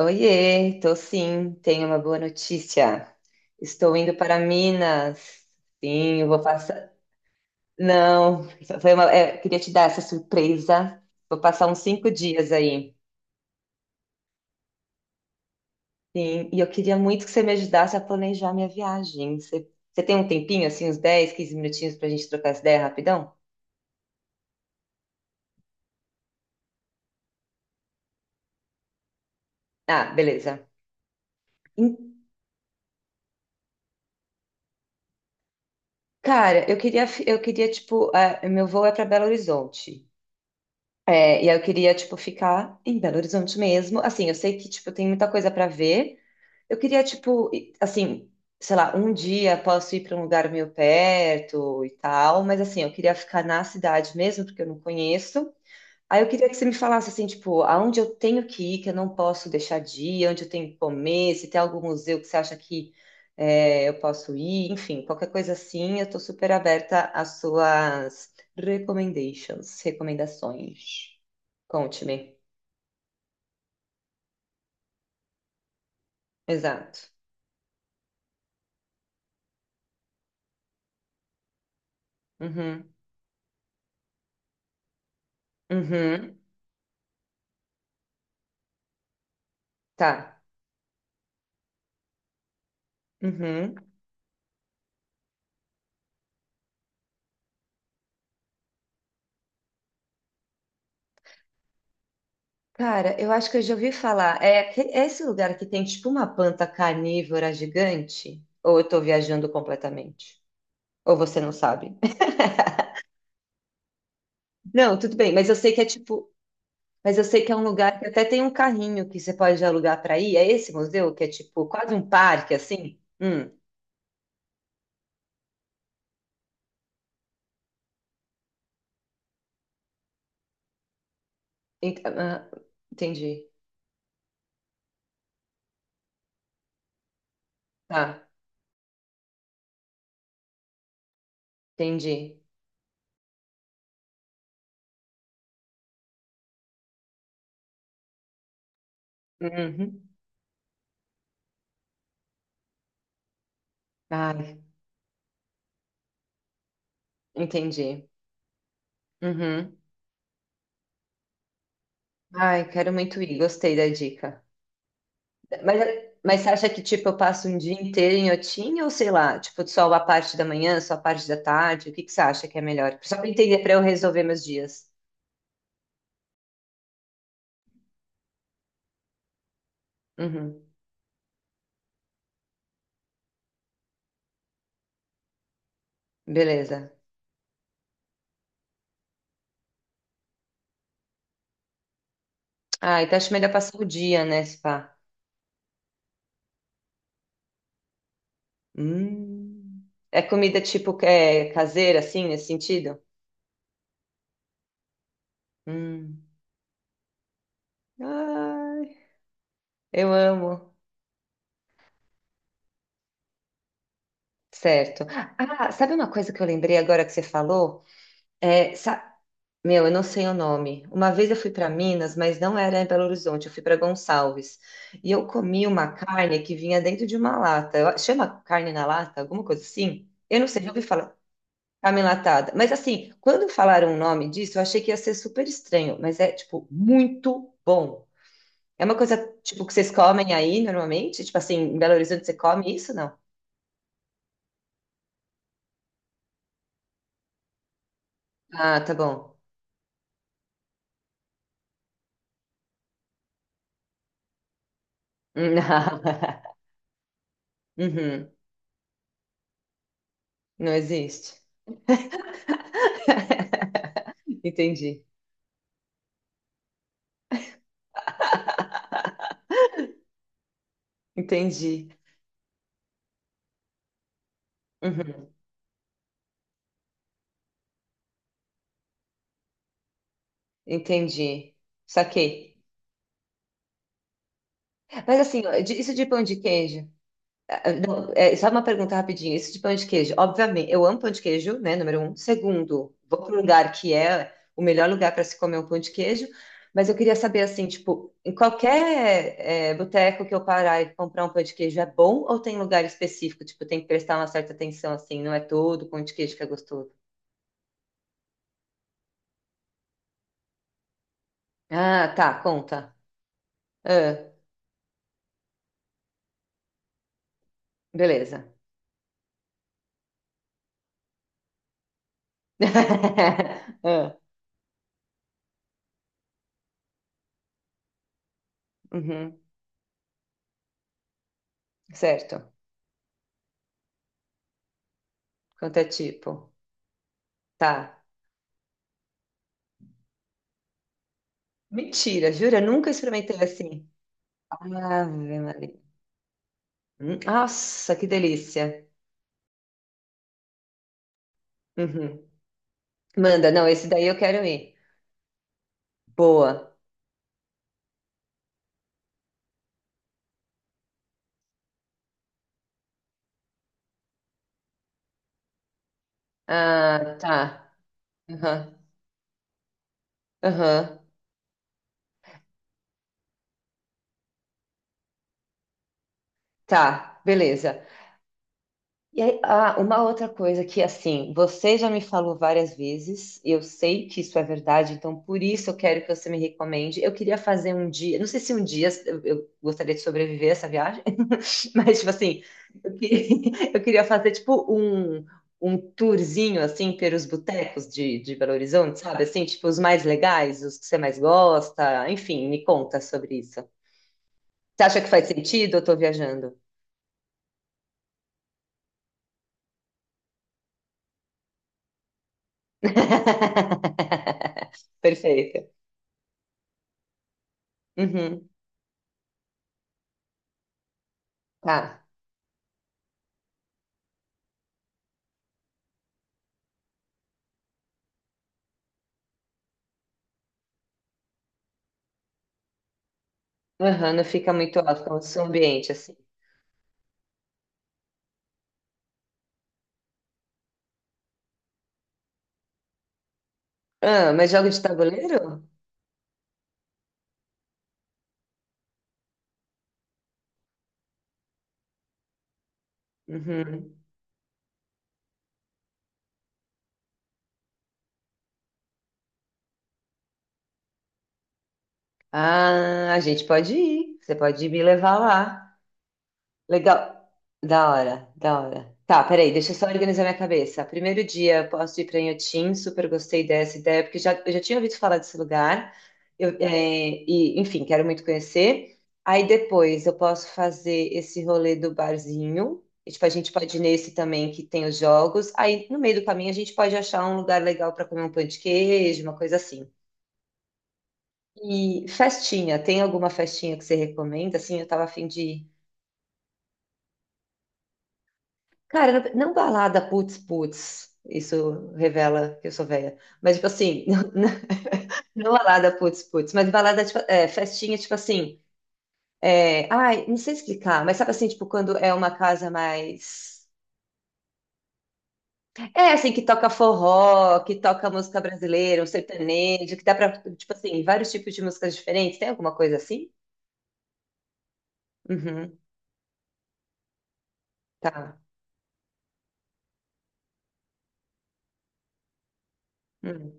Oiê, tô sim, tenho uma boa notícia. Estou indo para Minas. Sim, eu vou passar. Não, foi uma... é, queria te dar essa surpresa. Vou passar uns 5 dias aí. Sim, e eu queria muito que você me ajudasse a planejar minha viagem. Você tem um tempinho, assim, uns 10, 15 minutinhos para a gente trocar essa ideia rapidão? Ah, beleza. Em- Cara, eu queria tipo, ah, meu voo é para Belo Horizonte. É, e aí eu queria, tipo, ficar em Belo Horizonte mesmo. Assim, eu sei que, tipo, tem muita coisa pra ver. Eu queria, tipo, assim, sei lá, um dia posso ir pra um lugar meio perto e tal, mas assim, eu queria ficar na cidade mesmo, porque eu não conheço. Aí eu queria que você me falasse assim, tipo, aonde eu tenho que ir, que eu não posso deixar de ir, onde eu tenho que comer, se tem algum museu que você acha que é, eu posso ir, enfim, qualquer coisa assim, eu tô super aberta às suas recommendations, recomendações. Conte-me. Exato. Uhum. Uhum. Tá. Uhum. Cara, eu acho que eu já ouvi falar. É, é esse lugar que tem tipo uma planta carnívora gigante? Ou eu tô viajando completamente? Ou você não sabe? Não, tudo bem, mas eu sei que é tipo, mas eu sei que é um lugar que até tem um carrinho que você pode alugar para ir. É esse museu que é tipo quase um parque assim? Ent- ah, entendi. Tá, entendi. Uhum. Ai, entendi. Uhum. Ai, quero muito ir, gostei da dica. Mas, mas você acha que tipo eu passo um dia inteiro em Otim ou sei lá, tipo só a parte da manhã, só a parte da tarde? O que que você acha que é melhor? Só para entender para eu resolver meus dias. Uhum. Beleza. Ah, então acho melhor passar o dia, né, spa? Hum. É comida tipo que é caseira, assim, nesse sentido? Hum. Ai, eu amo. Certo. Ah, sabe uma coisa que eu lembrei agora que você falou? É, sa- Meu, eu não sei o nome. Uma vez eu fui para Minas, mas não era em Belo Horizonte, eu fui para Gonçalves. E eu comi uma carne que vinha dentro de uma lata. Chama carne na lata, alguma coisa assim? Eu não sei, já ouvi falar. Camelatada. Mas assim, quando falaram o nome disso, eu achei que ia ser super estranho, mas é tipo muito bom. É uma coisa tipo que vocês comem aí normalmente? Tipo assim, em Belo Horizonte você come isso, não? Ah, tá bom. Uhum. Não existe. Entendi. Entendi. Uhum. Entendi. Saquei. Mas assim, ó, isso de pão de queijo. Ah, não, é, só uma pergunta rapidinho. Isso de pão de queijo. Obviamente, eu amo pão de queijo, né? Número 1. Segundo, vou para um lugar que é o melhor lugar para se comer um pão de queijo. Mas eu queria saber, assim, tipo, em qualquer é, boteco que eu parar e comprar um pão de queijo é bom ou tem lugar específico? Tipo, tem que prestar uma certa atenção, assim, não é todo pão de queijo que é gostoso. Ah, tá, conta. Ah, beleza. Ah, uhum, certo. Quanto é tipo? Tá. Mentira, jura? Nunca experimentei assim. Ave Maria. Nossa, que delícia. Uhum. Manda, não, esse daí eu quero ir. Boa. Ah, tá. Aham, aham. Tá, beleza. E aí, ah, uma outra coisa que, assim, você já me falou várias vezes, e eu sei que isso é verdade, então por isso eu quero que você me recomende. Eu queria fazer um dia, não sei se um dia eu gostaria de sobreviver a essa viagem. Mas, tipo assim, eu, eu queria fazer, tipo, um tourzinho, assim, pelos botecos de Belo Horizonte, sabe? Assim, tipo, os mais legais, os que você mais gosta. Enfim, me conta sobre isso. Você acha que faz sentido? Eu tô viajando. Perfeito. Uhum, tá. Aham, não fica muito alto então, o seu ambiente, assim. Ah, mas jogo de tabuleiro? Uhum. Ah, a gente pode ir. Você pode me levar lá. Legal. Da hora, da hora. Tá, peraí, deixa eu só organizar minha cabeça. Primeiro dia, posso ir para Inhotim, super gostei dessa ideia, porque já, eu já tinha ouvido falar desse lugar. Eu, é, e, enfim, quero muito conhecer. Aí depois eu posso fazer esse rolê do barzinho. E, tipo, a gente pode ir nesse também que tem os jogos. Aí no meio do caminho a gente pode achar um lugar legal para comer um pão de queijo, uma coisa assim. E festinha, tem alguma festinha que você recomenda? Assim, eu tava afim de cara, não balada putz putz, isso revela que eu sou velha. Mas, tipo assim, não balada putz putz, mas balada, tipo, é, festinha, tipo assim. É, ai, não sei explicar, mas sabe assim, tipo, quando é uma casa mais. É, assim, que toca forró, que toca música brasileira, um sertanejo, que dá pra, tipo assim, vários tipos de músicas diferentes. Tem alguma coisa assim? Uhum, tá. Hum.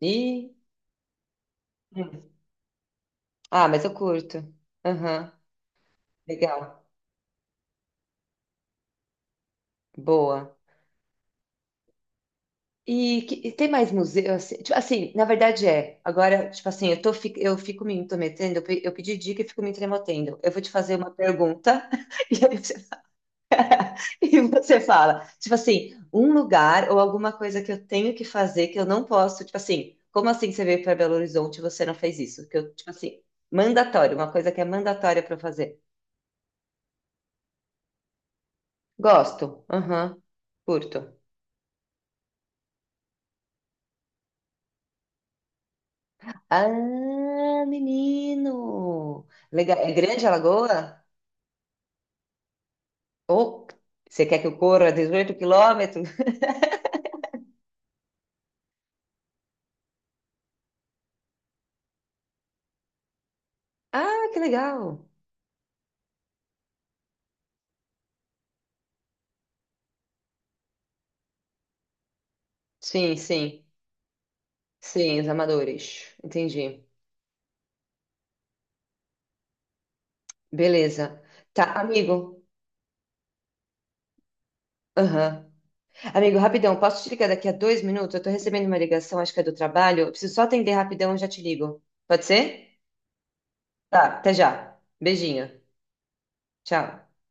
E. Hum. Ah, mas eu curto. Aham, legal. Boa. E, e tem mais museu, assim, tipo, assim, na verdade é, agora, tipo assim, eu, tô, eu fico me intrometendo, eu, eu pedi dica e fico me intrometendo, eu vou te fazer uma pergunta e, aí você, e você fala, tipo assim, um lugar ou alguma coisa que eu tenho que fazer que eu não posso, tipo assim, como assim você veio para Belo Horizonte e você não fez isso? Que eu, tipo assim, mandatório, uma coisa que é mandatória para eu fazer. Gosto, aham, curto. Ah, menino! Legal, é grande a lagoa? Ou você quer que eu corra 18 quilômetros? Ah, que legal! Sim, sim. Sim, os amadores. Entendi. Beleza. Tá, amigo. Aham. Amigo, rapidão, posso te ligar daqui a 2 minutos? Eu tô recebendo uma ligação, acho que é do trabalho. Eu preciso só atender rapidão e já te ligo. Pode ser? Tá, até já. Beijinho. Tchau.